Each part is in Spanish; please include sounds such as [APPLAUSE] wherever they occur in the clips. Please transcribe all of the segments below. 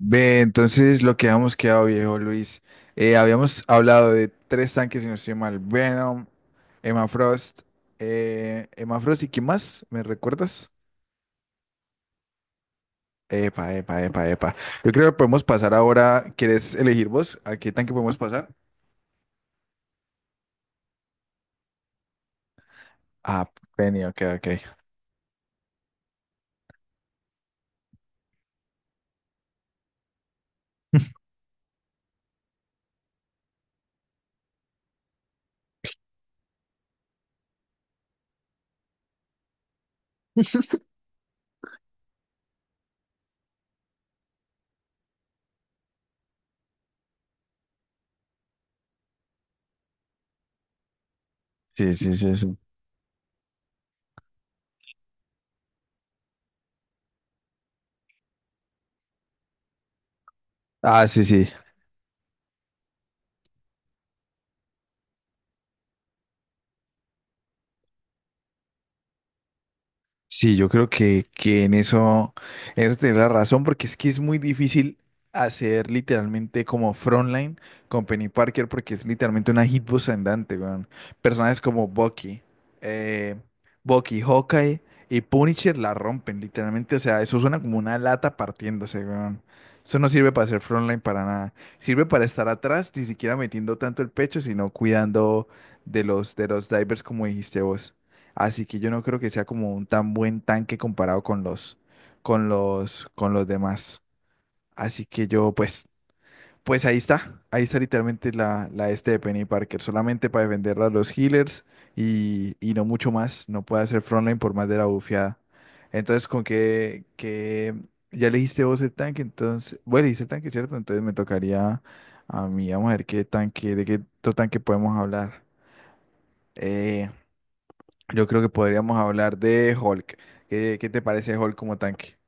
Ve, entonces lo que habíamos quedado, viejo Luis, habíamos hablado de tres tanques, si no estoy mal, Venom, Emma Frost, Emma Frost y ¿qué más? ¿Me recuerdas? Epa, epa, epa, epa. Yo creo que podemos pasar ahora, ¿quieres elegir vos? ¿A qué tanque podemos pasar? Ah, Penny, ok, ok. Sí, sí, sí, sí. Ah, sí, sí. Sí, yo creo que en eso tenés la razón, porque es que es muy difícil hacer literalmente como frontline con Penny Parker, porque es literalmente una hitbox andante, weón. Personajes como Bucky, eh, Bucky, Hawkeye y Punisher la rompen, literalmente. O sea, eso suena como una lata partiéndose, weón. Eso no sirve para hacer frontline para nada. Sirve para estar atrás, ni siquiera metiendo tanto el pecho, sino cuidando de los divers, como dijiste vos. Así que yo no creo que sea como un tan buen tanque comparado con con los demás. Así que yo, pues, pues ahí está. Ahí está literalmente la este de Penny Parker. Solamente para defenderla a los healers y no mucho más. No puede hacer frontline por más de la bufiada. Entonces, con que ya elegiste vos el tanque, entonces, bueno, elegiste el tanque, ¿cierto? Entonces me tocaría a mí, vamos a ver qué tanque, de qué otro tanque podemos hablar. Eh, yo creo que podríamos hablar de Hulk. ¿Qué te parece Hulk como tanque?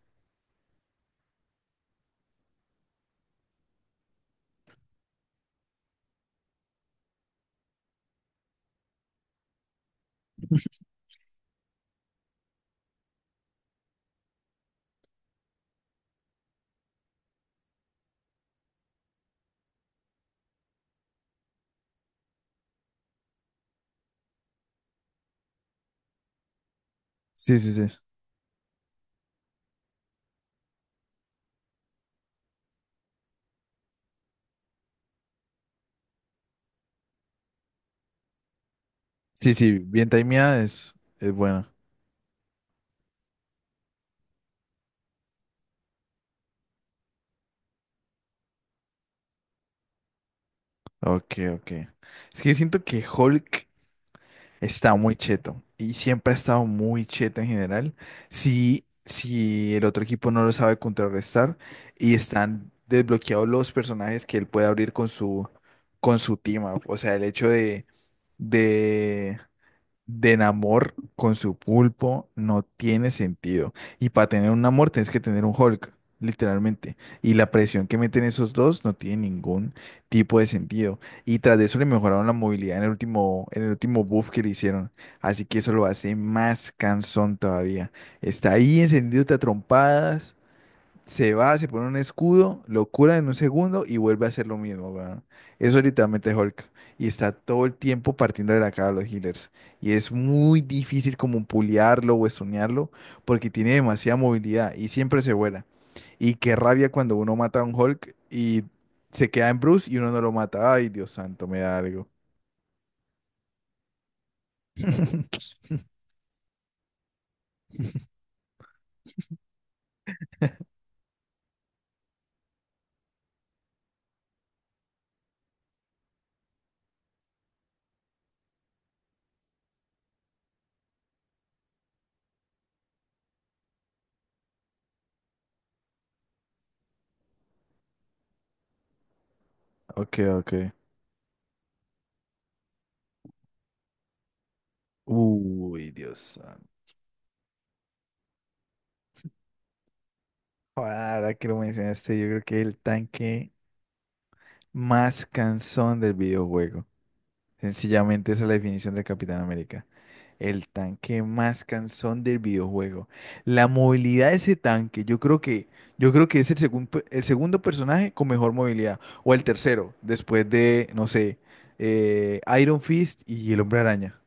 Sí, sí, sí. Sí, sí, bien timeada es buena. Ok, ok. Es que yo siento que Hulk está muy cheto y siempre ha estado muy cheto en general. Si el otro equipo no lo sabe contrarrestar y están desbloqueados los personajes que él puede abrir con con su team up. O sea, el hecho de, de amor con su pulpo no tiene sentido. Y para tener un amor tienes que tener un Hulk, literalmente. Y la presión que meten esos dos no tiene ningún tipo de sentido. Y tras de eso le mejoraron la movilidad en en el último buff que le hicieron. Así que eso lo hace más cansón todavía. Está ahí encendido a trompadas. Se va, se pone un escudo, lo cura en un segundo y vuelve a hacer lo mismo, weón. Eso es literalmente Hulk. Y está todo el tiempo partiendo de la cara a los healers. Y es muy difícil como puliarlo o estunearlo porque tiene demasiada movilidad y siempre se vuela. Y qué rabia cuando uno mata a un Hulk y se queda en Bruce y uno no lo mata. Ay, Dios santo, me da algo. [LAUGHS] Ok, ok. Uy, Dios santo. Ahora que lo mencionaste, yo creo que el tanque. Más cansón del videojuego. Sencillamente esa es la definición del Capitán América. El tanque más cansón del videojuego. La movilidad de ese tanque, yo creo que es el segundo personaje con mejor movilidad. O el tercero, después de, no sé, Iron Fist y el Hombre Araña.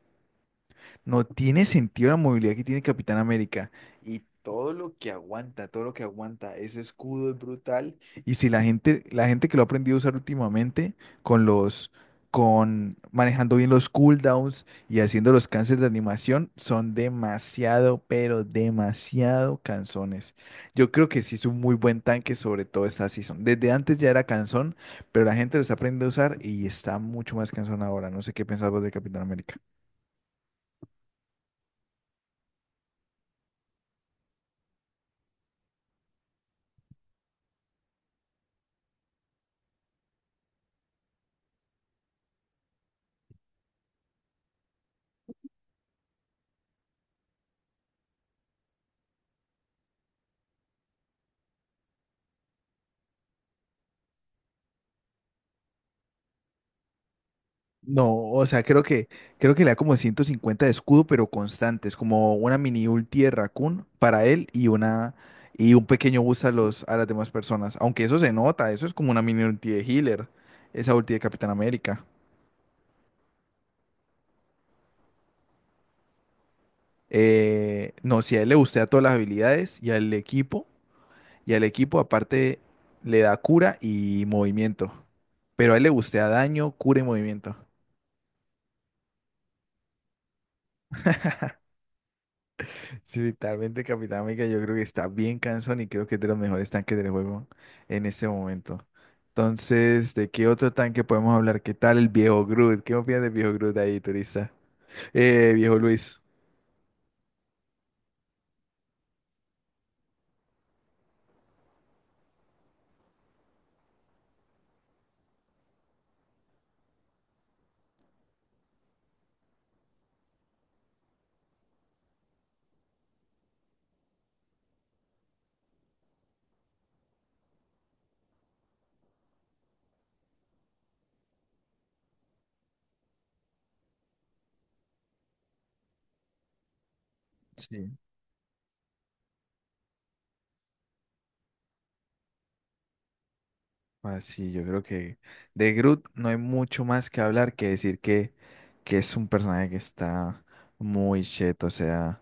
No tiene sentido la movilidad que tiene Capitán América. Y todo lo que aguanta, todo lo que aguanta, ese escudo es brutal. Y si la gente, la gente que lo ha aprendido a usar últimamente, con los, con manejando bien los cooldowns y haciendo los cancels de animación, son demasiado, pero demasiado cansones. Yo creo que sí es un muy buen tanque, sobre todo esta season. Desde antes ya era cansón, pero la gente lo está aprendiendo a usar y está mucho más cansón ahora. No sé qué pensás vos de Capitán América. No, o sea, creo que le da como 150 de escudo, pero constantes, como una mini ulti de Raccoon para él y una y un pequeño boost a a las demás personas. Aunque eso se nota, eso es como una mini ulti de healer, esa ulti de Capitán América. No, si a él le gustea todas las habilidades y al equipo aparte le da cura y movimiento. Pero a él le gustea daño, cura y movimiento. Sí, literalmente Capitán América yo creo que está bien cansón y creo que es de los mejores tanques del juego en este momento. Entonces, ¿de qué otro tanque podemos hablar? ¿Qué tal el viejo Groot? ¿Qué opinas del viejo Groot ahí, turista? Viejo Luis. Sí. Ah, sí, yo creo que de Groot no hay mucho más que hablar que es un personaje que está muy cheto, o sea.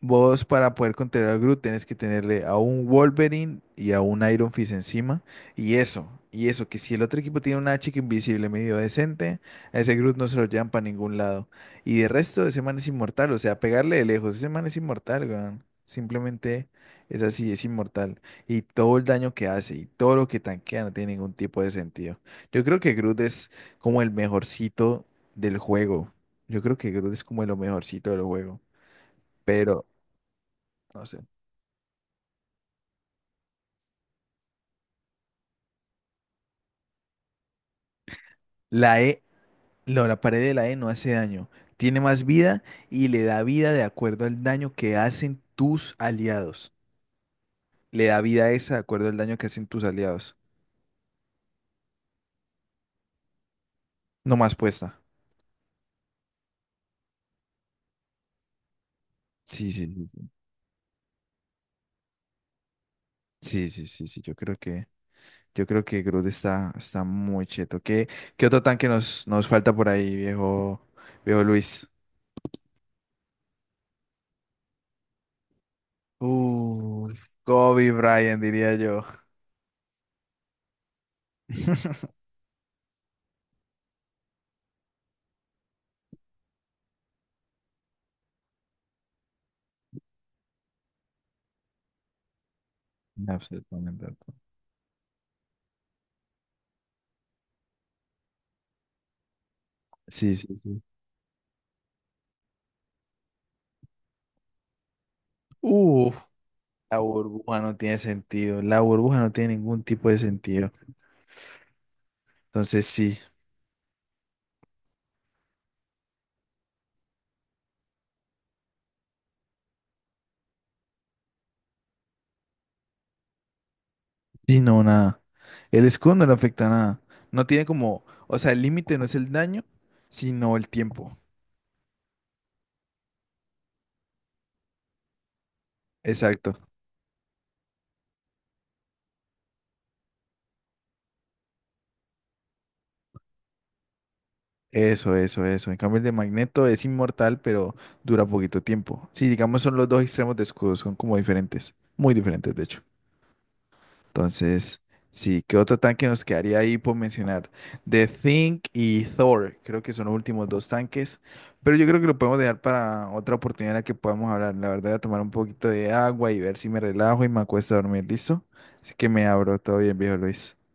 Vos para poder contener a Groot tenés que tenerle a un Wolverine y a un Iron Fist encima. Y eso, que si el otro equipo tiene una chica invisible medio decente, a ese Groot no se lo llevan para ningún lado. Y de resto, ese man es inmortal, o sea, pegarle de lejos, ese man es inmortal, weón. Simplemente es así, es inmortal. Y todo el daño que hace y todo lo que tanquea no tiene ningún tipo de sentido. Yo creo que Groot es como el mejorcito del juego. Yo creo que Groot es como lo mejorcito del juego. Pero, no sé. La E, la pared de la E no hace daño, tiene más vida y le da vida de acuerdo al daño que hacen tus aliados. Le da vida a esa de acuerdo al daño que hacen tus aliados. No más puesta. Sí, sí, sí, sí, sí, sí, sí, sí. Yo creo que Groot está, está muy cheto. ¿Qué otro tanque nos falta por ahí, viejo Luis? Uh, Kobe Bryant, diría yo. [LAUGHS] Absolutamente. Sí, sí, sí. La burbuja no tiene sentido. La burbuja no tiene ningún tipo de sentido. Entonces sí, sí, no, nada. El escudo no le afecta a nada. No tiene como, o sea, el límite no es el daño, sino el tiempo. Exacto. Eso, eso, eso. En cambio, el de Magneto es inmortal, pero dura poquito tiempo. Sí, digamos, son los dos extremos de escudo, son como diferentes. Muy diferentes, de hecho. Entonces, sí, ¿qué otro tanque nos quedaría ahí por mencionar? The Think y Thor, creo que son los últimos dos tanques, pero yo creo que lo podemos dejar para otra oportunidad en la que podamos hablar. La verdad, voy a tomar un poquito de agua y ver si me relajo y me acuesto a dormir, ¿listo? Así que me abro, todo bien, viejo Luis.